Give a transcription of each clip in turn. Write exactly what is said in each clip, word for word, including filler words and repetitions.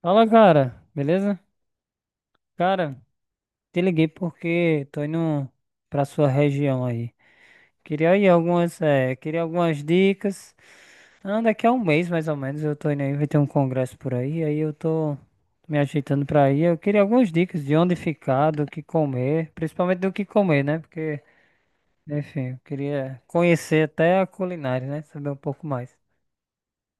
Fala, cara, beleza? Cara, te liguei porque tô indo pra sua região aí. Queria aí algumas, eh, queria algumas dicas. Ah, daqui a um mês, mais ou menos, eu tô indo aí, vai ter um congresso por aí, aí eu tô me ajeitando pra ir. Eu queria algumas dicas de onde ficar, do que comer, principalmente do que comer, né? Porque, enfim, eu queria conhecer até a culinária, né? Saber um pouco mais.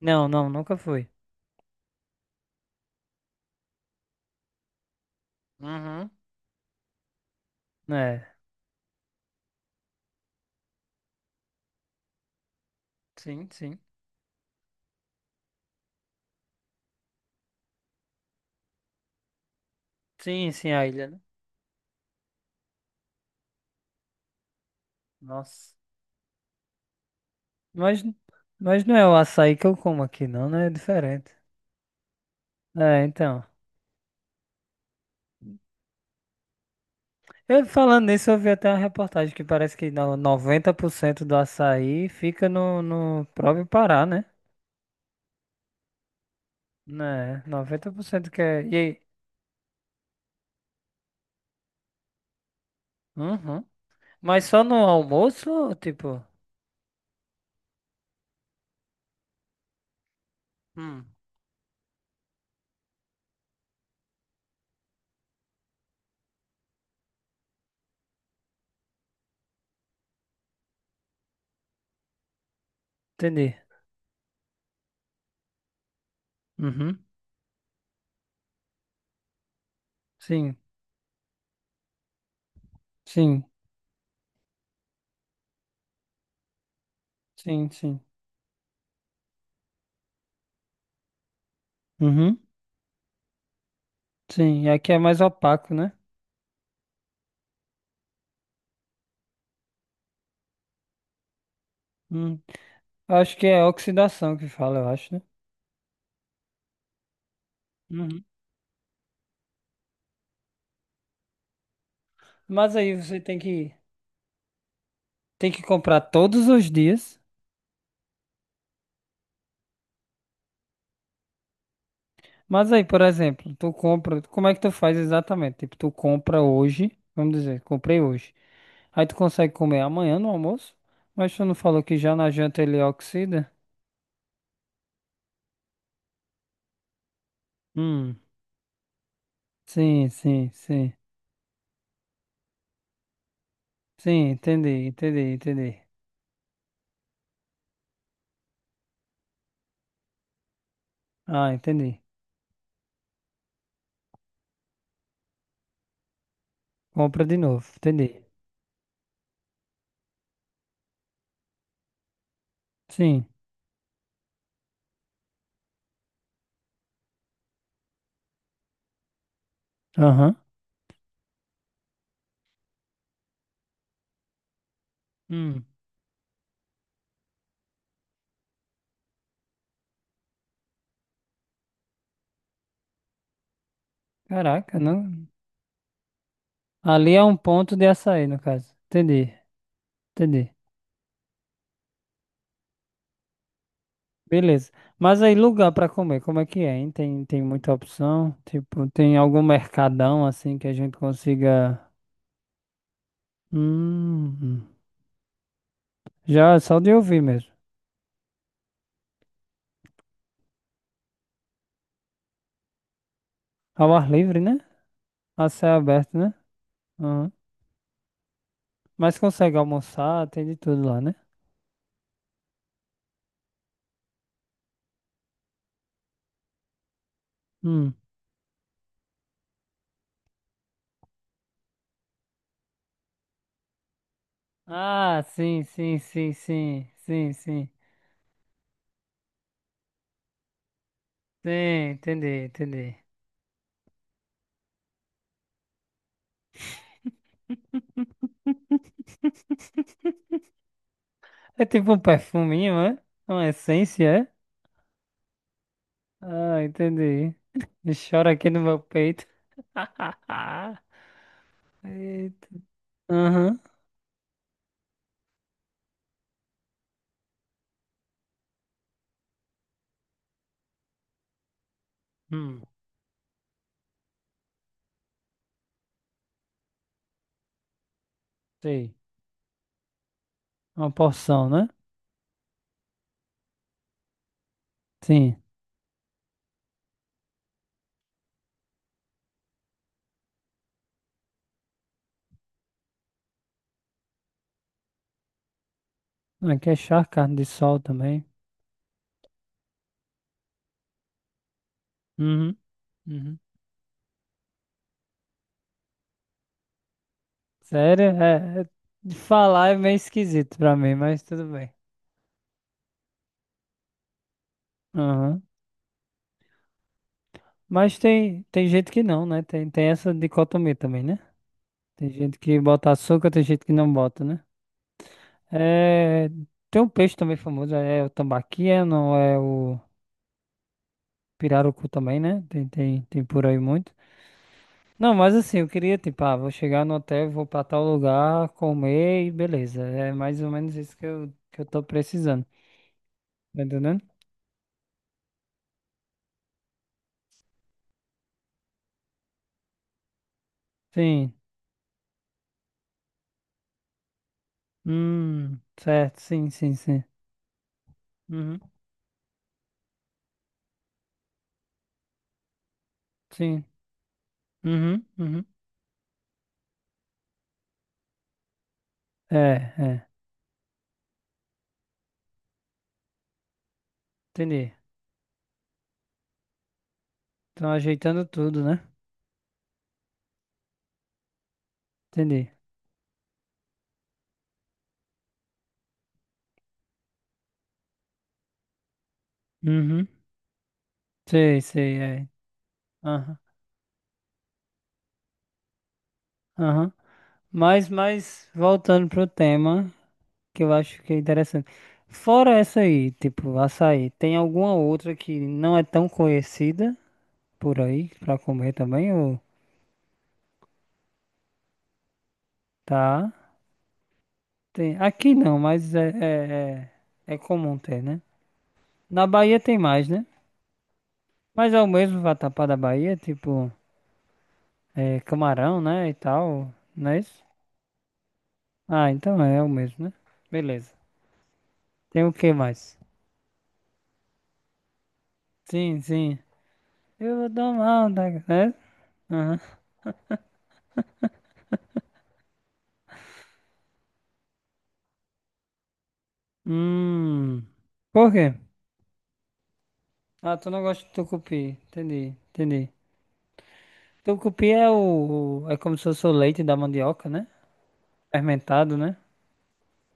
Não, não, nunca fui. Uhum. É, sim, sim. Sim, sim, a ilha, né? Nossa. Mas, mas não é o açaí que eu como aqui, não, né? É diferente. É, então. Eu falando nisso, eu vi até uma reportagem que parece que no- noventa por cento do açaí fica no, no próprio Pará, né? Né, noventa por cento que é. E aí? Uhum. Mas só no almoço, tipo? Hum, entendi. Uhum. Sim, sim, sim, sim. Uhum. Sim, e aqui é mais opaco, né? Hum. Acho que é oxidação que fala, eu acho, né? Uhum. Mas aí você tem que tem que comprar todos os dias. Mas aí, por exemplo, tu compra. Como é que tu faz exatamente? Tipo, tu compra hoje. Vamos dizer, comprei hoje. Aí tu consegue comer amanhã no almoço. Mas tu não falou que já na janta ele oxida? Hum. Sim, sim, sim. Sim, entendi, entendi, entendi. Ah, entendi. Compra de novo, entendi. Sim. Aham. Hum. Caraca, não. Ali é um ponto de açaí, no caso. Entendi, entendi. Beleza. Mas aí, lugar pra comer, como é que é, hein? Tem, tem muita opção? Tipo, tem algum mercadão assim que a gente consiga. Hum, já é só de ouvir mesmo. Ao ar livre, né? A céu aberto, né? Aham. Mas consegue almoçar, tem de tudo lá, né? Hum. Ah, sim, sim, sim, sim, sim, sim. Sim, entendi, entendi. É tipo um perfuminho, é? Uma essência, é? Ah, entendi. Chora aqui no meu peito. Eita. Aham. Hum, sei. Uma porção, né? Sim. Aqui é charque, carne de sol também. Uhum. Uhum. Sério? É, é- de falar é meio esquisito pra mim, mas tudo bem. Aham. Mas tem, tem gente que não, né? Tem, tem essa dicotomia também, né? Tem gente que bota açúcar, tem gente que não bota, né? É, tem um peixe também famoso, é o tambaqui, é, não é o. Pirarucu também, né? Tem, tem, tem por aí muito. Não, mas assim, eu queria, tipo, ah, vou chegar no hotel, vou pra tal lugar, comer e beleza. É mais ou menos isso que eu, que eu tô precisando. Tá entendendo? Sim. Hum, certo, sim, sim, sim. Uhum, sim. Uhum, uhum. É, é. Entendi. Estão ajeitando tudo, né? Entendi. Uhum. Sei, sei, é. Aham, aham. Mas, mas, voltando pro tema que eu acho que é interessante. Fora essa aí, tipo, açaí, tem alguma outra que não é tão conhecida por aí pra comer também? Ou tá? Tem... Aqui não, mas é, é, é, é comum ter, né? Na Bahia tem mais, né? Mas é o mesmo vatapá da Bahia, tipo, é, camarão, né? E tal, não é isso? Ah, então é, o mesmo, né? Beleza. Tem o que mais? Sim, sim. Eu vou tomar um, tá? É? Aham. Hum. Por quê? Ah, tu não gosta de tucupi. Entendi, entendi. Tucupi é o, o- é como se fosse o leite da mandioca, né? Fermentado, né?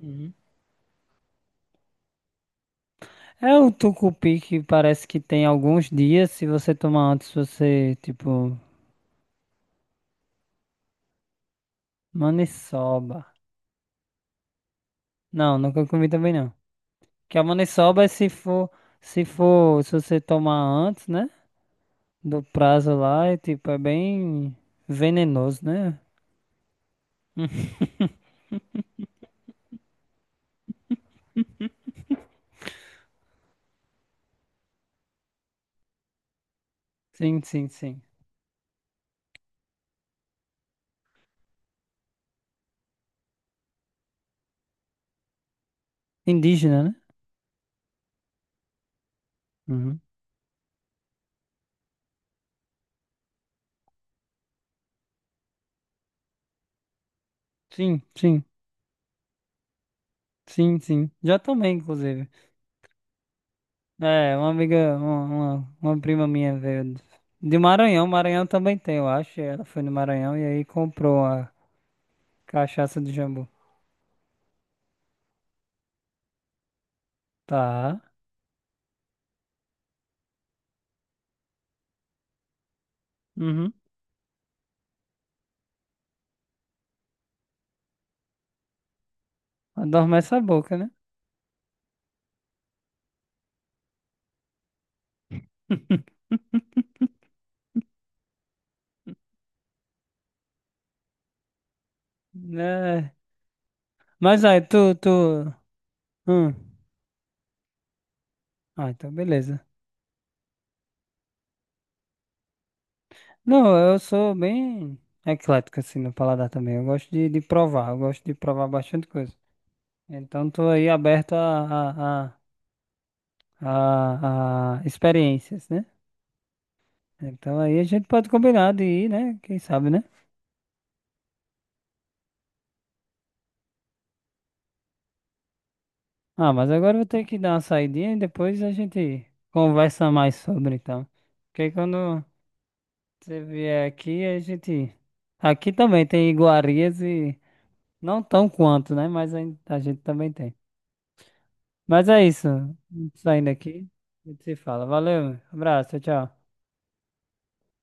Uhum. É o tucupi que parece que tem alguns dias. Se você tomar antes, você, tipo. Maniçoba. Não, nunca comi também não. Que a maniçoba é se for. Se for. Se você tomar antes, né? Do prazo lá, é tipo. É bem venenoso, né? Sim, sim, sim. Indígena, né? Uhum. Sim, sim. Sim, sim. Já tomei, inclusive. É, uma amiga, uma, uma, uma prima minha veio de de Maranhão. Maranhão também tem, eu acho. E ela foi no Maranhão e aí comprou a cachaça de jambu. Tá. Uhum. Adormece a boca, né? É. Mas aí, tu, tu. Hum. Ah, então beleza. Não, eu sou bem eclético assim no paladar também. Eu gosto de, de provar, eu gosto de provar bastante coisa. Então tô aí aberto a, a, a, a experiências, né? Então aí a gente pode combinar de ir, né? Quem sabe, né? Ah, mas agora eu vou ter que dar uma saidinha e depois a gente conversa mais sobre, então. Porque quando você vier aqui, a gente. Aqui também tem iguarias e não tão quanto, né? Mas ain- a gente também tem. Mas é isso. Saindo aqui, a gente se fala. Valeu, abraço, tchau, tchau.